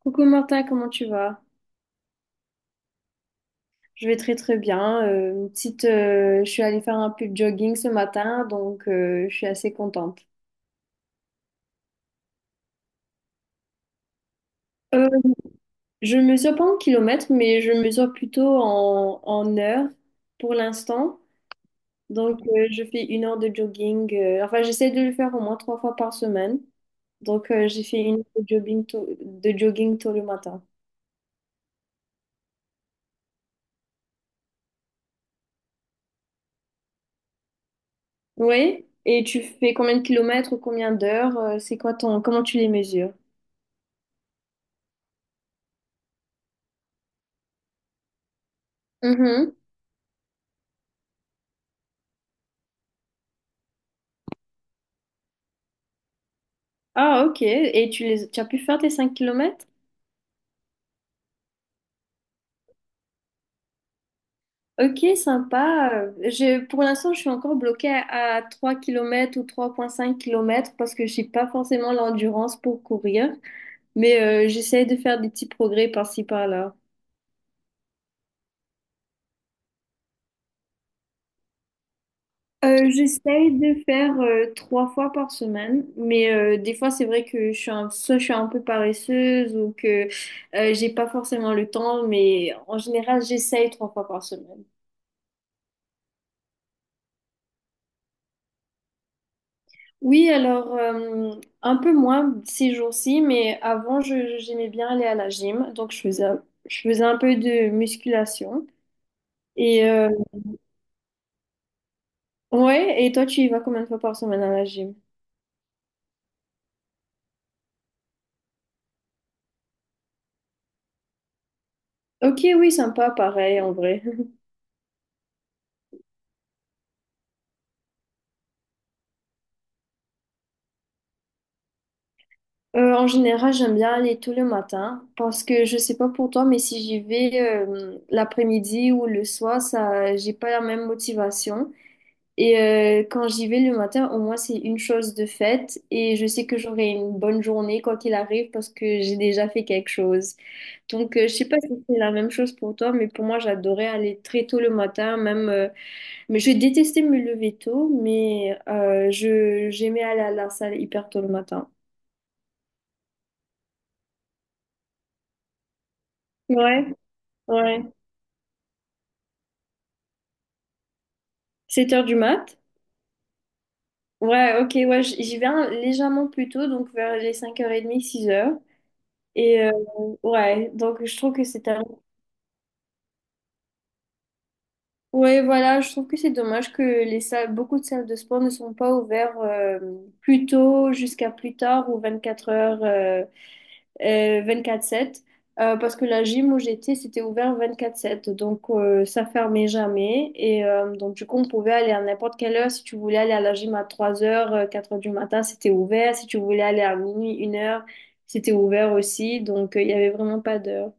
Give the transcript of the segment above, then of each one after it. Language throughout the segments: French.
Coucou Martin, comment tu vas? Je vais très très bien. Je suis allée faire un peu de jogging ce matin, donc je suis assez contente. Euh, je mesure pas en kilomètres, mais je mesure plutôt en heures pour l'instant. Donc je fais une heure de jogging. Enfin, j'essaie de le faire au moins trois fois par semaine. Donc j'ai fait une heure de jogging tôt le matin. Oui. Et tu fais combien de kilomètres ou combien d'heures? Comment tu les mesures? Ah, ok. Et tu as pu faire tes 5 kilomètres? Ok, sympa. Pour l'instant, je suis encore bloquée à 3 km ou 3,5 kilomètres parce que j'ai pas forcément l'endurance pour courir. Mais j'essaie de faire des petits progrès par-ci, par-là. J'essaie de faire trois fois par semaine, mais des fois c'est vrai que soit je suis un peu paresseuse ou que j'ai pas forcément le temps, mais en général j'essaye trois fois par semaine. Oui, alors un peu moins ces jours-ci, mais avant, j'aimais bien aller à la gym, donc je faisais un peu de musculation. Et ouais, et toi, tu y vas combien de fois par semaine à la gym? Ok, oui, sympa, pareil en vrai. En général, j'aime bien aller tous les matins parce que je sais pas pour toi, mais si j'y vais l'après-midi ou le soir, ça, j'ai pas la même motivation. Et quand j'y vais le matin, au moins c'est une chose de faite et je sais que j'aurai une bonne journée quoi qu'il arrive parce que j'ai déjà fait quelque chose. Donc je sais pas si c'est la même chose pour toi, mais pour moi j'adorais aller très tôt le matin, même mais je détestais me lever tôt, mais je j'aimais aller à la salle hyper tôt le matin. Ouais, ouais. 7 heures du mat? Ouais, ok, ouais, j'y vais légèrement plus tôt, donc vers les 5h30, 6 heures. Et ouais, donc je trouve que c'est tellement... Ouais, voilà, je trouve que c'est dommage que les salles, beaucoup de salles de sport ne sont pas ouvertes plus tôt jusqu'à plus tard ou 24 heures, 24-7. Parce que la gym où j'étais, c'était ouvert 24-7. Donc, ça fermait jamais. Et donc, du coup, on pouvait aller à n'importe quelle heure. Si tu voulais aller à la gym à 3 heures, 4 heures du matin, c'était ouvert. Si tu voulais aller à minuit, une heure, c'était ouvert aussi. Donc, il y avait vraiment pas d'heure.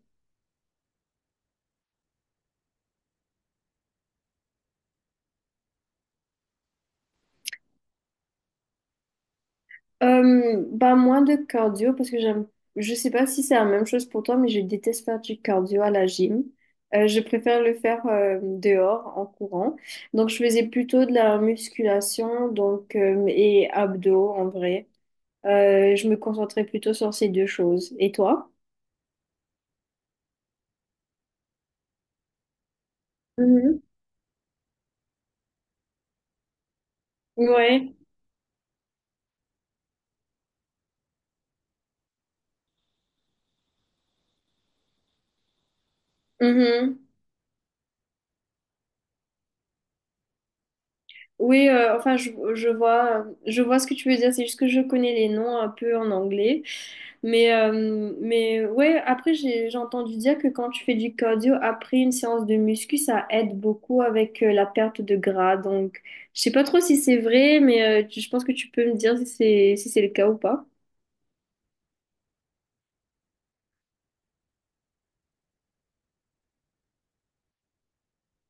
Bah moins de cardio parce que j'aime, je sais pas si c'est la même chose pour toi mais je déteste faire du cardio à la gym. Je préfère le faire dehors en courant, donc je faisais plutôt de la musculation donc et abdos en vrai. Je me concentrais plutôt sur ces deux choses, et toi? Mhm. Ouais. Mhm. Oui, enfin, je vois ce que tu veux dire. C'est juste que je connais les noms un peu en anglais. Mais ouais, après, j'ai entendu dire que quand tu fais du cardio, après une séance de muscu, ça aide beaucoup avec la perte de gras. Donc, je sais pas trop si c'est vrai, mais je pense que tu peux me dire si si c'est le cas ou pas.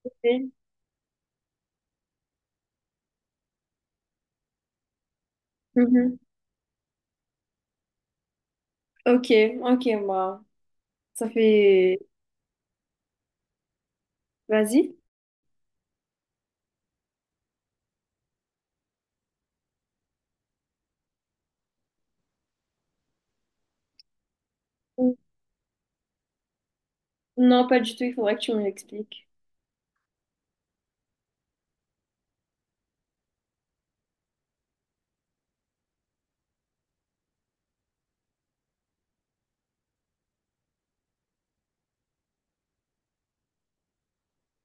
Oui. Mhm. Ok, ok, bah, ça fait... Vas-y. Mm. Non, pas du tout, il faudrait que tu me l'expliques.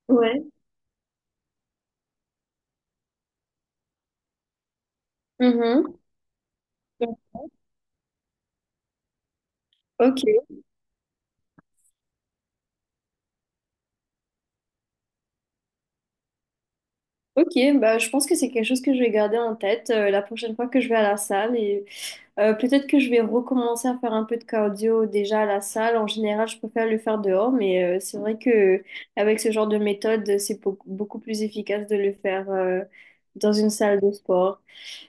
Ouais. Mhm. Ok. Ok, bah, je pense que c'est quelque chose que je vais garder en tête la prochaine fois que je vais à la salle et peut-être que je vais recommencer à faire un peu de cardio déjà à la salle. En général, je préfère le faire dehors, mais c'est vrai que avec ce genre de méthode, c'est beaucoup, beaucoup plus efficace de le faire dans une salle de sport.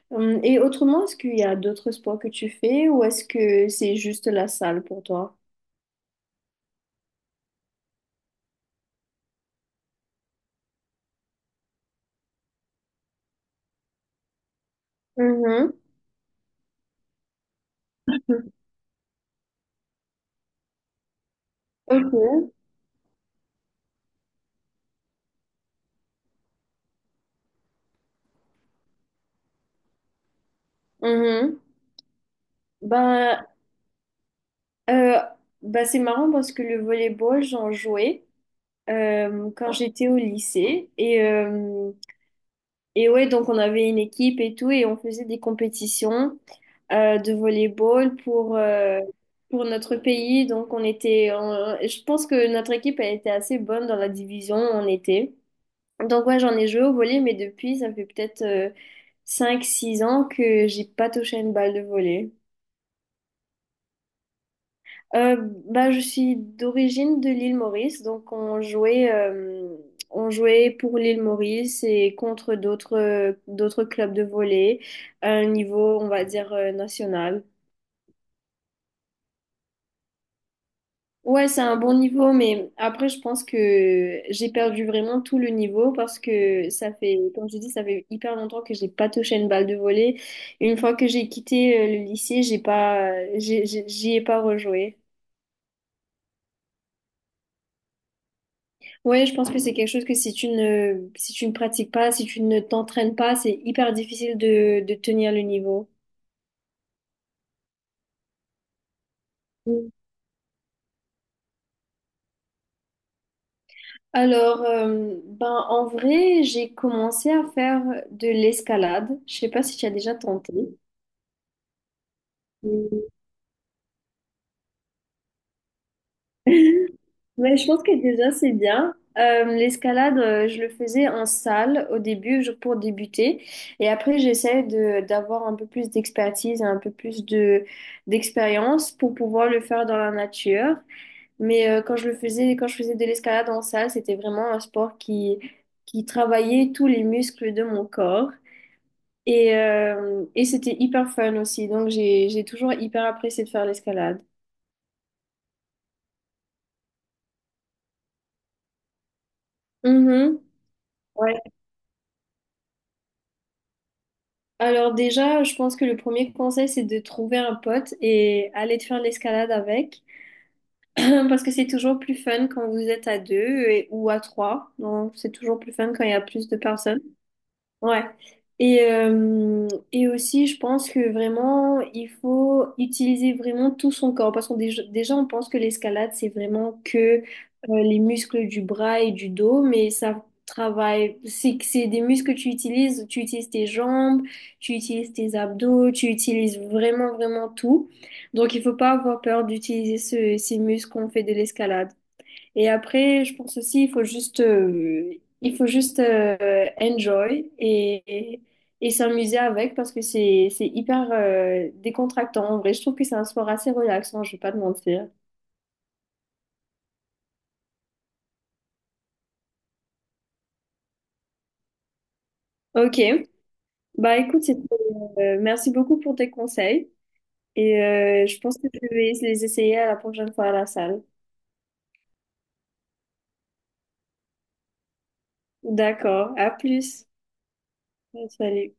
Et autrement, est-ce qu'il y a d'autres sports que tu fais ou est-ce que c'est juste la salle pour toi? Mhm. Ok. Mhm. Ben, euh, ben, c'est marrant parce que le volleyball, j'en jouais. Quand j'étais au lycée. Et ouais, donc on avait une équipe et tout, et on faisait des compétitions de volleyball pour notre pays. Je pense que notre équipe elle était assez bonne dans la division où on était. Donc ouais, j'en ai joué au volley, mais depuis, ça fait peut-être cinq six ans que j'ai pas touché une balle de volley. Euh, bah, je suis d'origine de l'île Maurice, donc on jouait pour l'île Maurice et contre d'autres d'autres clubs de volley à un niveau, on va dire, national. Ouais, c'est un bon niveau, mais après, je pense que j'ai perdu vraiment tout le niveau parce que ça fait, comme je dis, ça fait hyper longtemps que j'ai pas touché une balle de volley. Une fois que j'ai quitté le lycée, j'y ai pas rejoué. Ouais, je pense que c'est quelque chose que si tu ne pratiques pas, si tu ne t'entraînes pas, c'est hyper difficile de tenir le niveau. Mm. Alors, ben, en vrai, j'ai commencé à faire de l'escalade. Je sais pas si tu as déjà tenté. Mm. Mais je pense que déjà, c'est bien. L'escalade, je le faisais en salle au début pour débuter. Et après, j'essaie d'avoir un peu plus d'expertise, un peu plus d'expérience pour pouvoir le faire dans la nature. Mais quand je le faisais, quand je faisais de l'escalade en salle, c'était vraiment un sport qui travaillait tous les muscles de mon corps. Et c'était hyper fun aussi. Donc j'ai toujours hyper apprécié de faire l'escalade. Mhm. Ouais. Alors déjà, je pense que le premier conseil, c'est de trouver un pote et aller te faire l'escalade avec. Parce que c'est toujours plus fun quand vous êtes à deux ou à trois. Donc c'est toujours plus fun quand il y a plus de personnes. Ouais. Et aussi, je pense que vraiment, il faut utiliser vraiment tout son corps. Parce qu'on déjà, on pense que l'escalade, c'est vraiment que les muscles du bras et du dos, mais ça travaille. Que c'est des muscles que tu utilises. Tu utilises tes jambes, tu utilises tes abdos, tu utilises vraiment, vraiment tout. Donc, il faut pas avoir peur d'utiliser ces muscles qu'on fait de l'escalade. Et après, je pense aussi, il faut juste enjoy et, et s'amuser avec parce que c'est hyper décontractant. En vrai, je trouve que c'est un sport assez relaxant, je vais pas te mentir. Ok, bah écoute, merci beaucoup pour tes conseils et je pense que je vais les essayer à la prochaine fois à la salle. D'accord, à plus. Salut.